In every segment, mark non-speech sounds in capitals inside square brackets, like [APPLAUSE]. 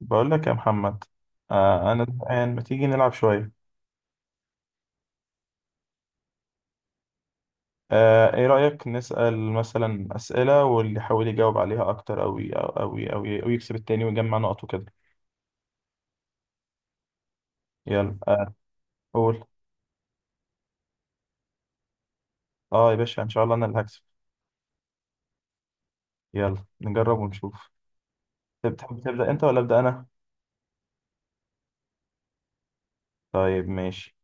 بقول لك يا محمد. انا الآن ما تيجي نلعب شويه. ايه رأيك نسأل مثلا أسئلة واللي يحاول يجاوب عليها اكتر أو يكسب التاني ويجمع نقط وكده. يلا قول. اه يا باشا ان شاء الله انا اللي هكسب. يلا نجرب ونشوف. تحب تبدأ انت ولا أبدأ انا؟ طيب ماشي.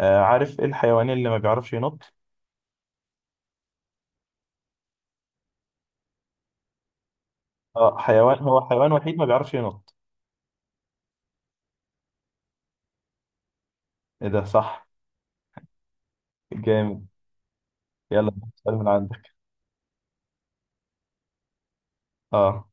آه، عارف ايه الحيوان اللي ما بيعرفش ينط؟ اه حيوان، هو حيوان وحيد ما بيعرفش ينط. ايه ده؟ صح. جامد. يلا سؤال من عندك. اه،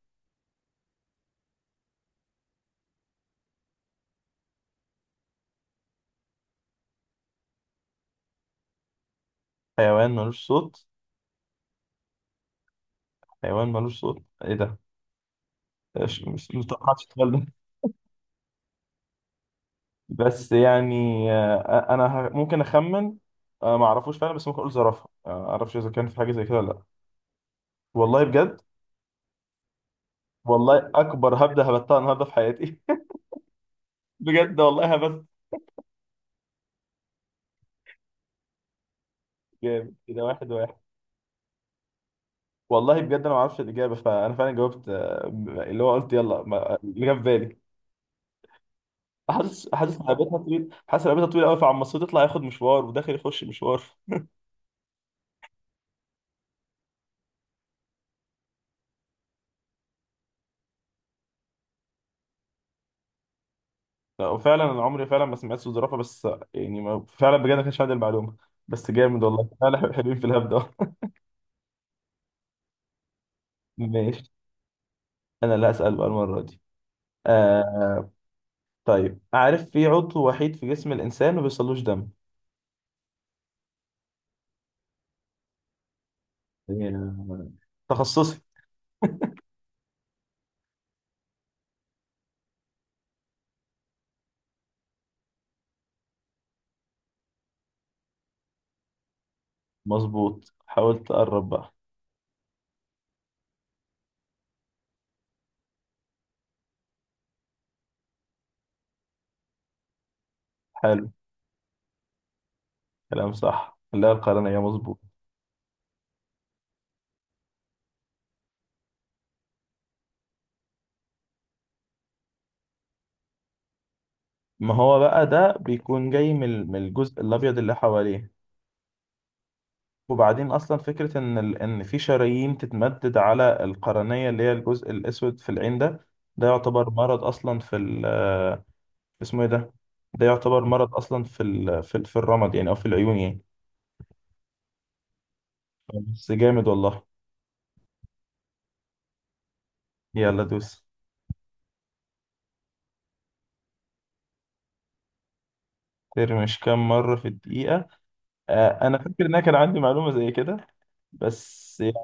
حيوان ملوش صوت؟ حيوان ملوش صوت؟ ايه ده! ما توقعتش السؤال ده. بس يعني، آه، انا ممكن اخمن. ما اعرفوش فعلا، بس ممكن اقول زرافه. ما اعرفش اذا كان في حاجه زي كده ولا لا. والله بجد. والله اكبر، هبده هبتها النهارده في حياتي. [LAUGHS] بجد والله هبت. جامد كده، واحد واحد. والله بجد انا ما اعرفش الاجابه، فانا فعلا جاوبت. اللي هو قلت يلا، اللي جه في بالي. حاسس إن رقبتها طويل، حاسس إن رقبتها طويل قوي، فعمال تطلع ياخد مشوار وداخل يخش مشوار. لا وفعلا انا عمري فعلا ما سمعت صوت زرافه. بس يعني ما فعلا بجد، ما كانش عندي المعلومه. بس جامد والله فعلا. [LAUGHS] حلوين في الهبده. [LAUGHS] ماشي. انا اللي هسال بقى المره دي. آه. طيب عارف في عضو وحيد في جسم الانسان ما بيوصلوش دم؟ آه، تخصصي. مظبوط، حاولت اقرب بقى. حلو. كلام صح، لا القرنيه مظبوط. ما هو بقى ده بيكون جاي من الجزء الابيض اللي حواليه. وبعدين اصلا فكره ان ان في شرايين تتمدد على القرنيه اللي هي الجزء الاسود في العين ده، ده يعتبر مرض اصلا في ال... آه، اسمه ايه ده؟ ده يعتبر مرض اصلا في الرمد يعني او في العيون يعني. بس جامد والله. يلا دوس. ترمي مش كام مره في الدقيقه؟ آه انا فاكر ان انا كان عندي معلومه زي كده، بس يعني،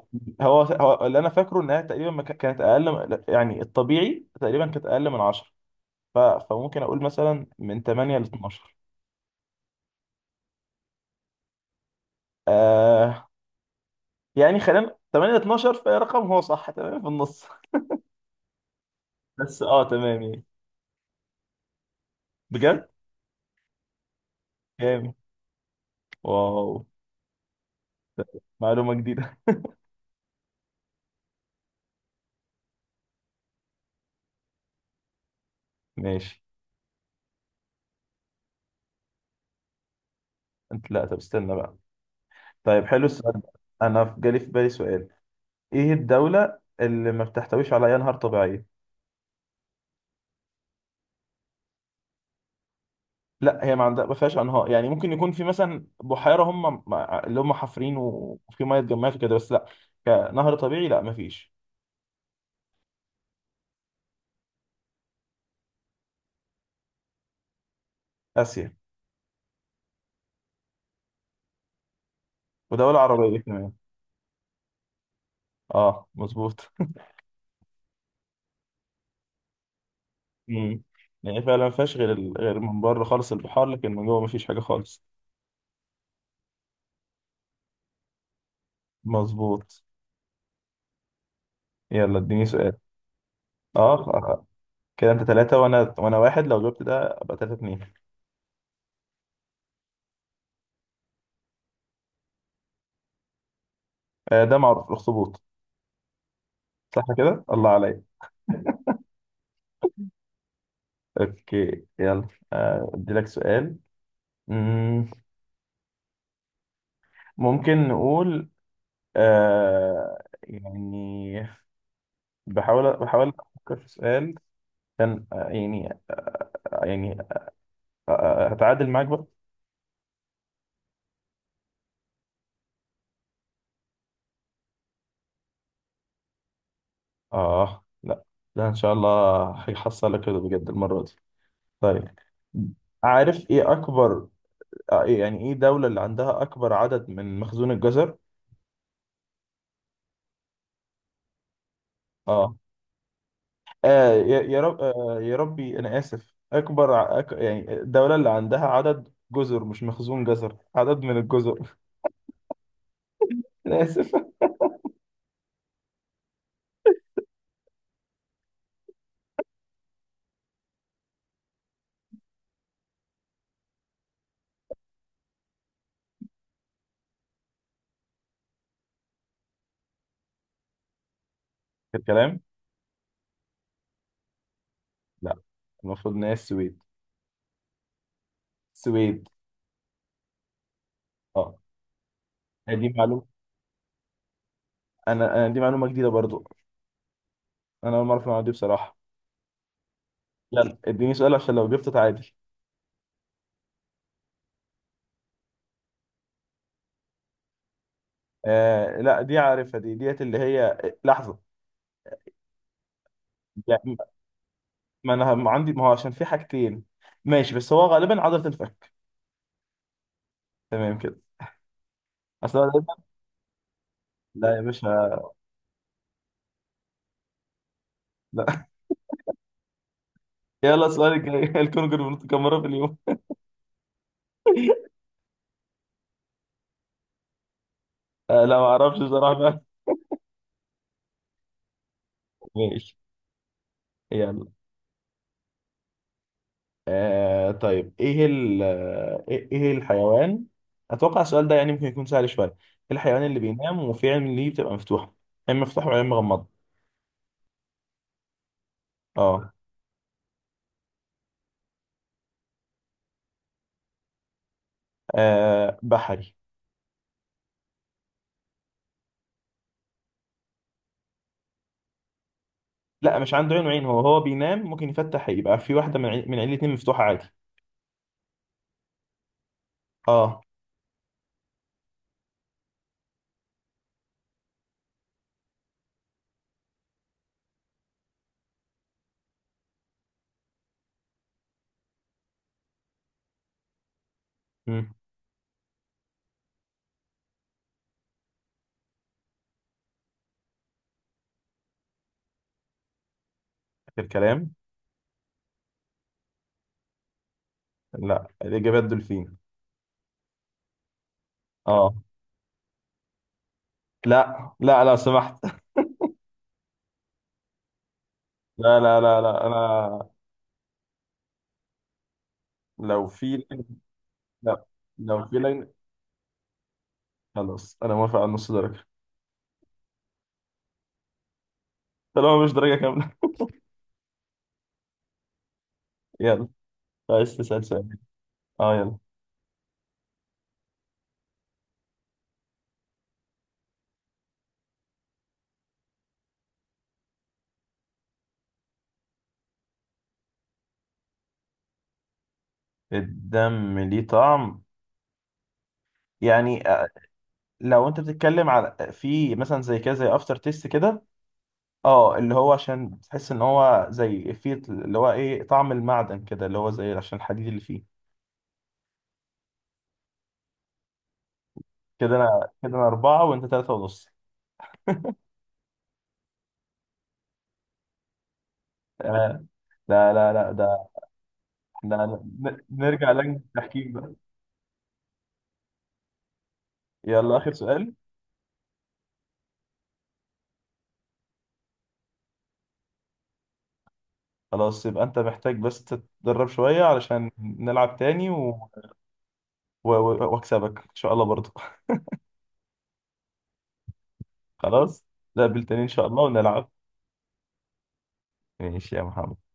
هو, هو اللي انا فاكره انها تقريبا ما كان- كانت اقل، يعني الطبيعي تقريبا كانت اقل من 10. فممكن اقول مثلا من 8 ل 12. آه يعني خلينا 8 12، فرقم هو صح تمام في النص. بس اه تمام يعني. بجد جامد. واو، معلومة جديدة. [LAUGHS] ماشي. انت لا، طب استنى بقى. طيب حلو السؤال ده. انا جالي في بالي سؤال. ايه الدولة اللي ما بتحتويش على اي انهار طبيعية؟ لا هي ما عندها، ما فيهاش انهار، يعني ممكن يكون في مثلا بحيرة هم اللي هم حافرين وفي ميه اتجمعت وكده، بس لا، كنهر طبيعي لا ما فيش. اسيا. ودولة عربية كمان. اه مظبوط. مم. يعني فعلا ما فيهاش غير من بره خالص البحار، لكن من جوه ما فيش حاجه خالص. مظبوط. يلا اديني سؤال. اه آه. كده انت ثلاثة وانا واحد، لو جبت ده ابقى ثلاثة اتنين. آه ده معروف، الاخطبوط. صح كده، الله عليا. اوكي يلا، ادي لك سؤال. مم، ممكن نقول، آه يعني بحاول بحاول افكر في سؤال كان، يعني هتعادل معاك بقى. آه لا، لا إن شاء الله هيحصلك كده بجد المرة دي. طيب عارف إيه أكبر، إيه دولة اللي عندها أكبر عدد من مخزون الجزر؟ آه, آه يا يا رب آه يا ربي أنا آسف، أكبر يعني الدولة اللي عندها عدد جزر، مش مخزون جزر، عدد من الجزر. [LAUGHS] أنا آسف. الكلام؟ لا، المفروض إن هي السويد. السويد. آه يعني دي معلومة، أنا أنا دي معلومة جديدة برضو. أنا أول مرة أعرف المعلومة دي بصراحة. يلا اديني سؤال عشان لو جبته تعادل. آه لا دي عارفها، دي ديت اللي هي، لحظة. لا، ما انا ما عندي ما هو عشان في حاجتين. ماشي، بس هو غالبا عضلة الفك. تمام كده. اصل أنا غالبا، لا يا باشا. لا. [LAUGHS] يلا السؤال الجاي. [LAUGHS] الكونجر بنط كام مرة في اليوم؟ لا ما اعرفش بصراحة. [LAUGHS] بقى. ماشي. يلا. آه طيب ايه ال آه، ايه إيه الحيوان؟ اتوقع السؤال ده يعني ممكن يكون سهل شوية. إيه الحيوان اللي بينام وفي عين ليه بتبقى مفتوحة؟ عين مفتوحة وعين مغمضة. اه. بحري. لا مش عنده عين وعين، هو هو بينام ممكن يفتح، يبقى في واحدة من عين، الاتنين مفتوحة عادي. اه. امم. آخر كلام. لا، الإجابة الدولفين. اه. لا لا، لا سمحت. [LAUGHS] لا لا لا لا. أنا لو في لا، لو في لجنة. خلاص أنا موافق على نص درجة. طالما مش درجة كاملة. [LAUGHS] يلا، عايز تسأل سؤال؟ اه يلا. الدم ليه طعم؟ يعني لو انت بتتكلم على في مثلا زي كده، زي افتر تيست كده. اه اللي هو عشان بتحس ان هو زي فيه، اللي هو ايه، طعم المعدن كده، اللي هو زي عشان الحديد اللي فيه. كده انا، كده انا اربعة وانت ثلاثة ونص. آه لا لا لا، ده احنا نرجع لجنة التحكيم بقى. يلا اخر سؤال. خلاص، يبقى انت محتاج بس تتدرب شوية علشان نلعب تاني واكسبك ان شاء الله برضو. [LAUGHS] خلاص. نقابل تاني ان شاء الله ونلعب. ماشي يا محمد.